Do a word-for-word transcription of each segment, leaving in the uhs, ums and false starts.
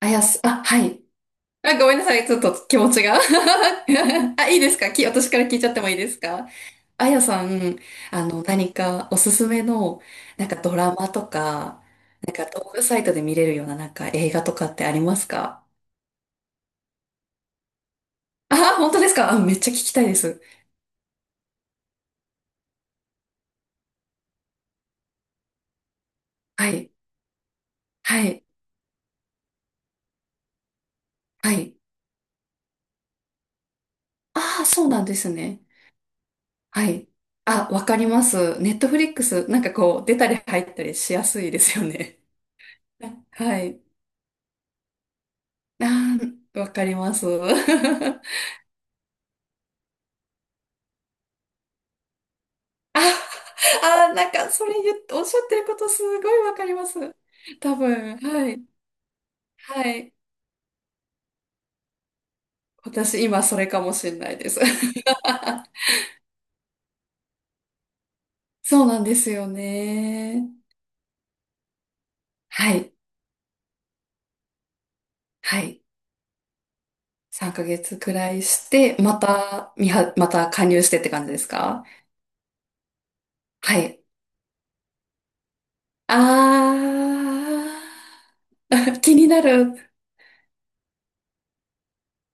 あやす、あ、はい。あ、ごめんなさい。ちょっと気持ちが。あ、いいですか？き、私から聞いちゃってもいいですか？あやさん、あの、何かおすすめの、なんかドラマとか、なんか動画サイトで見れるような、なんか映画とかってありますか？あ、本当ですか？あ、めっちゃ聞きたいです。はい。はい。はい。ああ、そうなんですね。はい。あ、わかります。ネットフリックス、なんかこう、出たり入ったりしやすいですよね。はい。あー、わかります。あ、あー、なんか、それ言っておっしゃってることすごいわかります。多分、はい。はい。私、今、それかもしれないです。そうなんですよね。はい。はい。さんかげつくらいして、また、みは、また加入してって感じですか？はい。あー、気になる。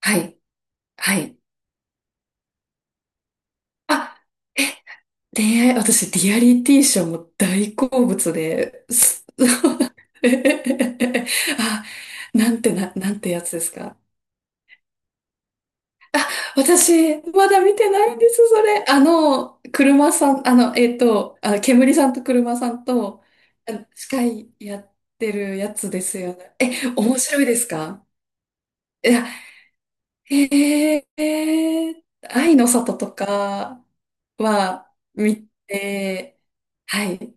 はい。はい。あえ恋愛、私、リアリティショーも大好物です。 あ、なんてな、なんてやつですか？私、まだ見てないんです、それ。あの、車さん、あの、えっと、あ、煙さんと車さんと、あ司会やってるやつですよね。え、面白いですか？いや、えー、愛の里とかは見て、はい。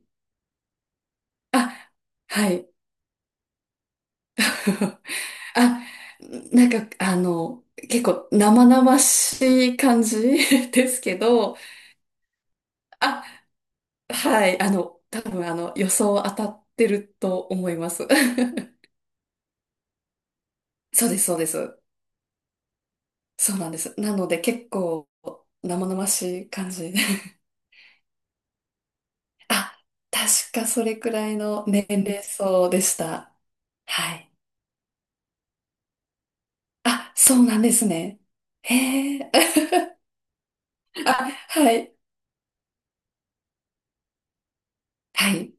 あ、はい。あ、なんか、あの、結構生々しい感じ ですけど、あ、はい、あの、多分あの、予想当たってると思います。そうです、そうです。そうなんです。なので結構生々しい感じで。あ、確かそれくらいの年齢層でした。はい。あ、そうなんですね。へえ。あ、はい。はい。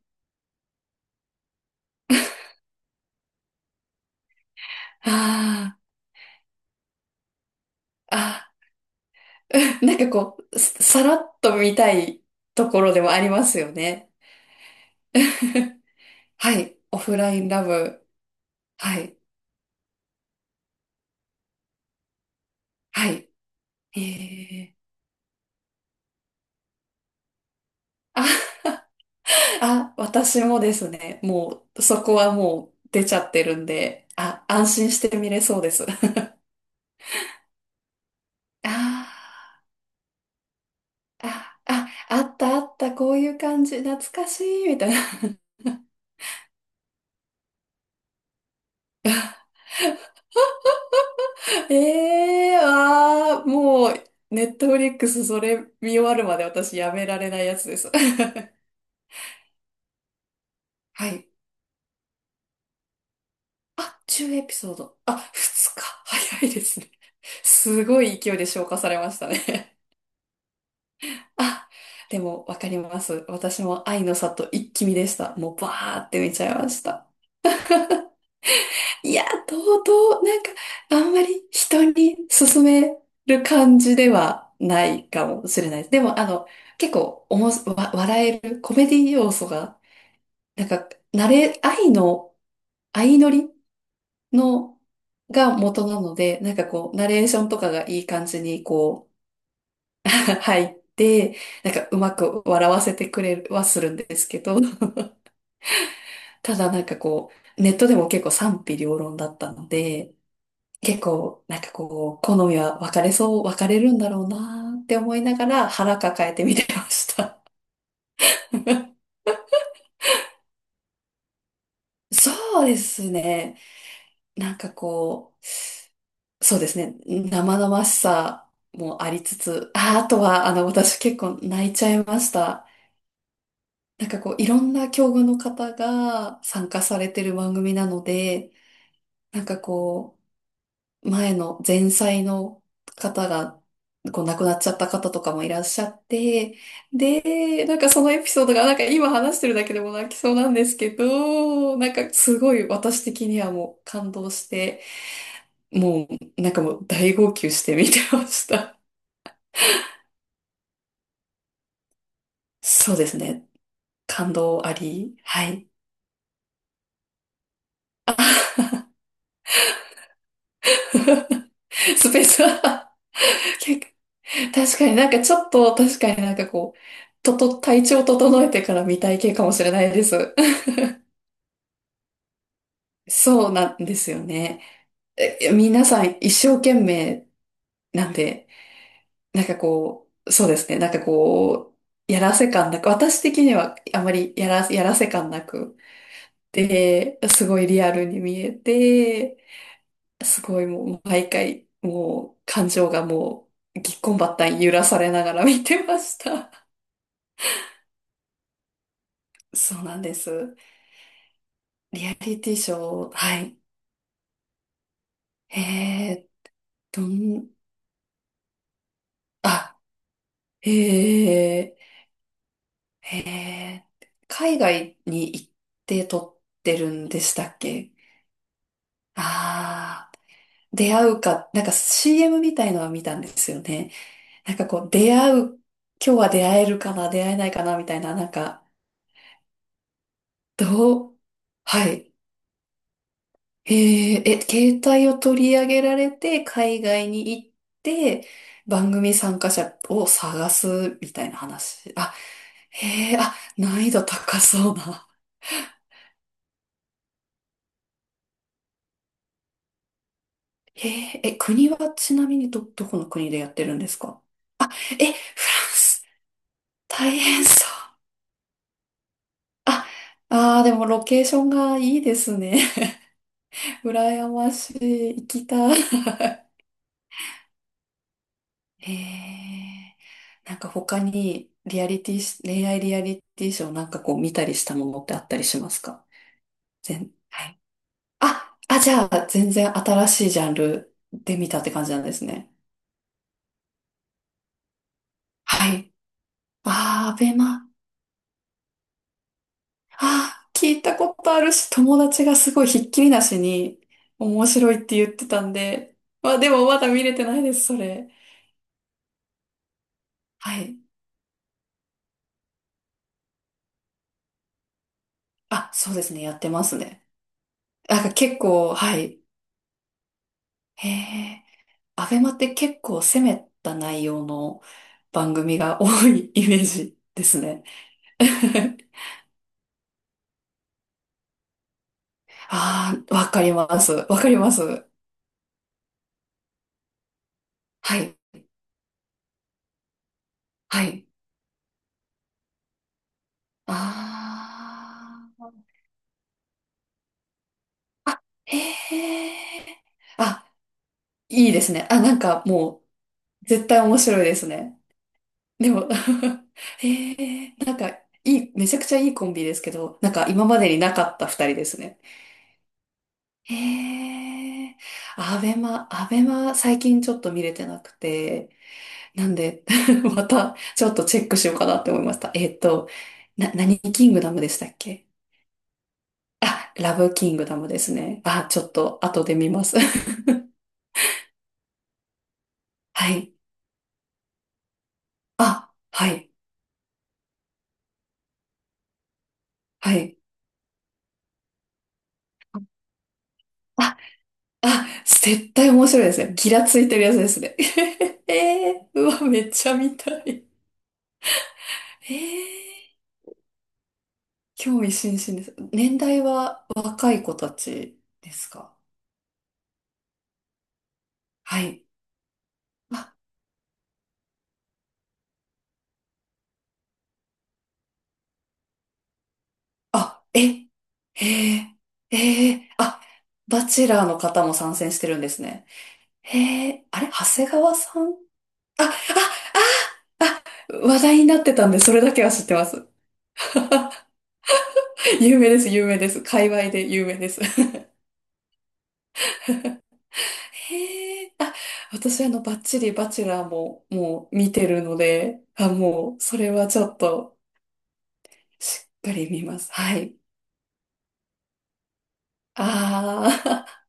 ああ、あ なんかこう、ささらっと見たいところでもありますよね。はい。オフラインラブ。はい。はい。えーあ、あ、私もですね。もう、そこはもう出ちゃってるんで、あ、安心して見れそうです。あーあ、あ、あったあった、こういう感じ、懐かしい、みたいな。ええああー、もう、ネットフリックスそれ見終わるまで私やめられないやつです。はい。あ、じゅうエピソード。あ、ふつか。早いですね。すごい勢いで消化されましたね。あ、でもわかります。私も愛の里一気見でした。もうバーって見ちゃいました。いや、とうとう、なんか、あんまり人に勧める感じではないかもしれないです。でも、あの、結構おもし、わ、笑えるコメディ要素が、なんか、慣れ、愛の、相乗りの、が元なので、なんかこう、ナレーションとかがいい感じにこう、入って、なんかうまく笑わせてくれはするんですけど、ただなんかこう、ネットでも結構賛否両論だったので、結構なんかこう、好みは分かれそう、分かれるんだろうなーって思いながら腹抱えて見てました。そうですね。なんかこう、そうですね。生々しさもありつつ、あ、あとは、あの、私結構泣いちゃいました。なんかこう、いろんな境遇の方が参加されてる番組なので、なんかこう、前の前妻の方が、こう、亡くなっちゃった方とかもいらっしゃって、で、なんかそのエピソードが、なんか今話してるだけでも泣きそうなんですけど、なんかすごい私的にはもう感動して、もう、なんかもう大号泣して見てました。そうですね。感動あり。はい。スペースは 結構確かになんかちょっと、確かになんかこう、とと、体調整えてから見たい系かもしれないです。そうなんですよね。え皆さん一生懸命なんで、なんかこう、そうですね。なんかこう、やらせ感なく、私的にはあまりやら、やらせ感なく、で、すごいリアルに見えて、すごいもう毎回、もう感情がもうぎっこんばったん揺らされながら見てました。そうなんです。リアリティショー、はい。えー、どん、あ、えー、えー、海外に行って撮ってるんでしたっけ？ああー、出会うか、なんか シーエム みたいのは見たんですよね。なんかこう、出会う、今日は出会えるかな、出会えないかな、みたいな、なんか、どう、はい。へえ、え、携帯を取り上げられて、海外に行って、番組参加者を探すみたいな話。あ、へえ、あ、難易度高そうな。へえ、え、国はちなみにど、どこの国でやってるんですか？え、フランス、大変そう。あ、あー、でもロケーションがいいですね。羨ましい。行きたい。へえ。なんか他にリアリティし、恋愛リアリティショーなんかこう見たりしたものってあったりしますか？全、はい。あ、あ、じゃあ全然新しいジャンルで見たって感じなんですね。はい。ああ、アベマ。ああ、聞いたことあるし、友達がすごいひっきりなしに面白いって言ってたんで。まあでもまだ見れてないです、それ。はい。あ、そうですね、やってますね。なんか結構、はい。へえ。アベマって結構攻めた内容の番組が多いイメージですね。ああ、わかります。わかります。はい。はい。ああ。あ、へえ。あ、いいですね。あ、なんかもう、絶対面白いですね。でも へえ。なんか、いい、めちゃくちゃいいコンビですけど、なんか今までになかった二人ですね。へえ、アベマ、アベマ最近ちょっと見れてなくて、なんで、またちょっとチェックしようかなって思いました。えっと、な、何キングダムでしたっけ？あ、ラブキングダムですね。あ、ちょっと後で見ます。はい。あ、はい、はい。あ、あ、絶対面白いですね。ギラついてるやつですね。えー、うわ、めっちゃ見たい。えー、興味津々です。年代は若い子たちですか？はい。あ、あ、え、へえ、へえ、あ、バチェラーの方も参戦してるんですね。へえ、あれ、長谷川さん、あ、あ、話題になってたんで、それだけは知ってます。有名です、有名です。界隈で有名です。へえ、あ、私あの、バッチリバチェラーももう見てるので、あ、もう、それはちょっと、しっかり見ます。はい。あー、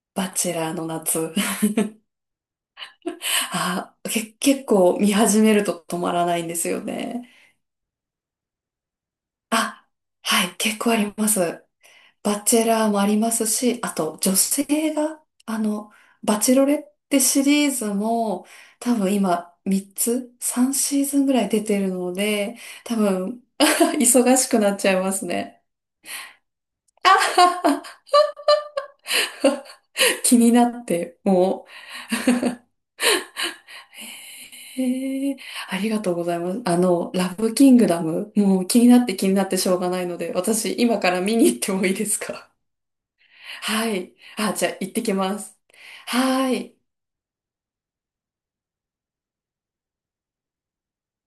バチェラーの夏。あ、け、結構見始めると止まらないんですよね。あ、はい、結構あります。バチェラーもありますし、あと女性が、あの、バチェロレってシリーズも多分今みっつ、スリーシーズンぐらい出てるので、多分 忙しくなっちゃいますね。気になって、もうへえ、ありがとうございます。あの、ラブキングダム、もう気になって気になってしょうがないので、私今から見に行ってもいいですか？はい。あ、じゃあ行ってきます。はーい。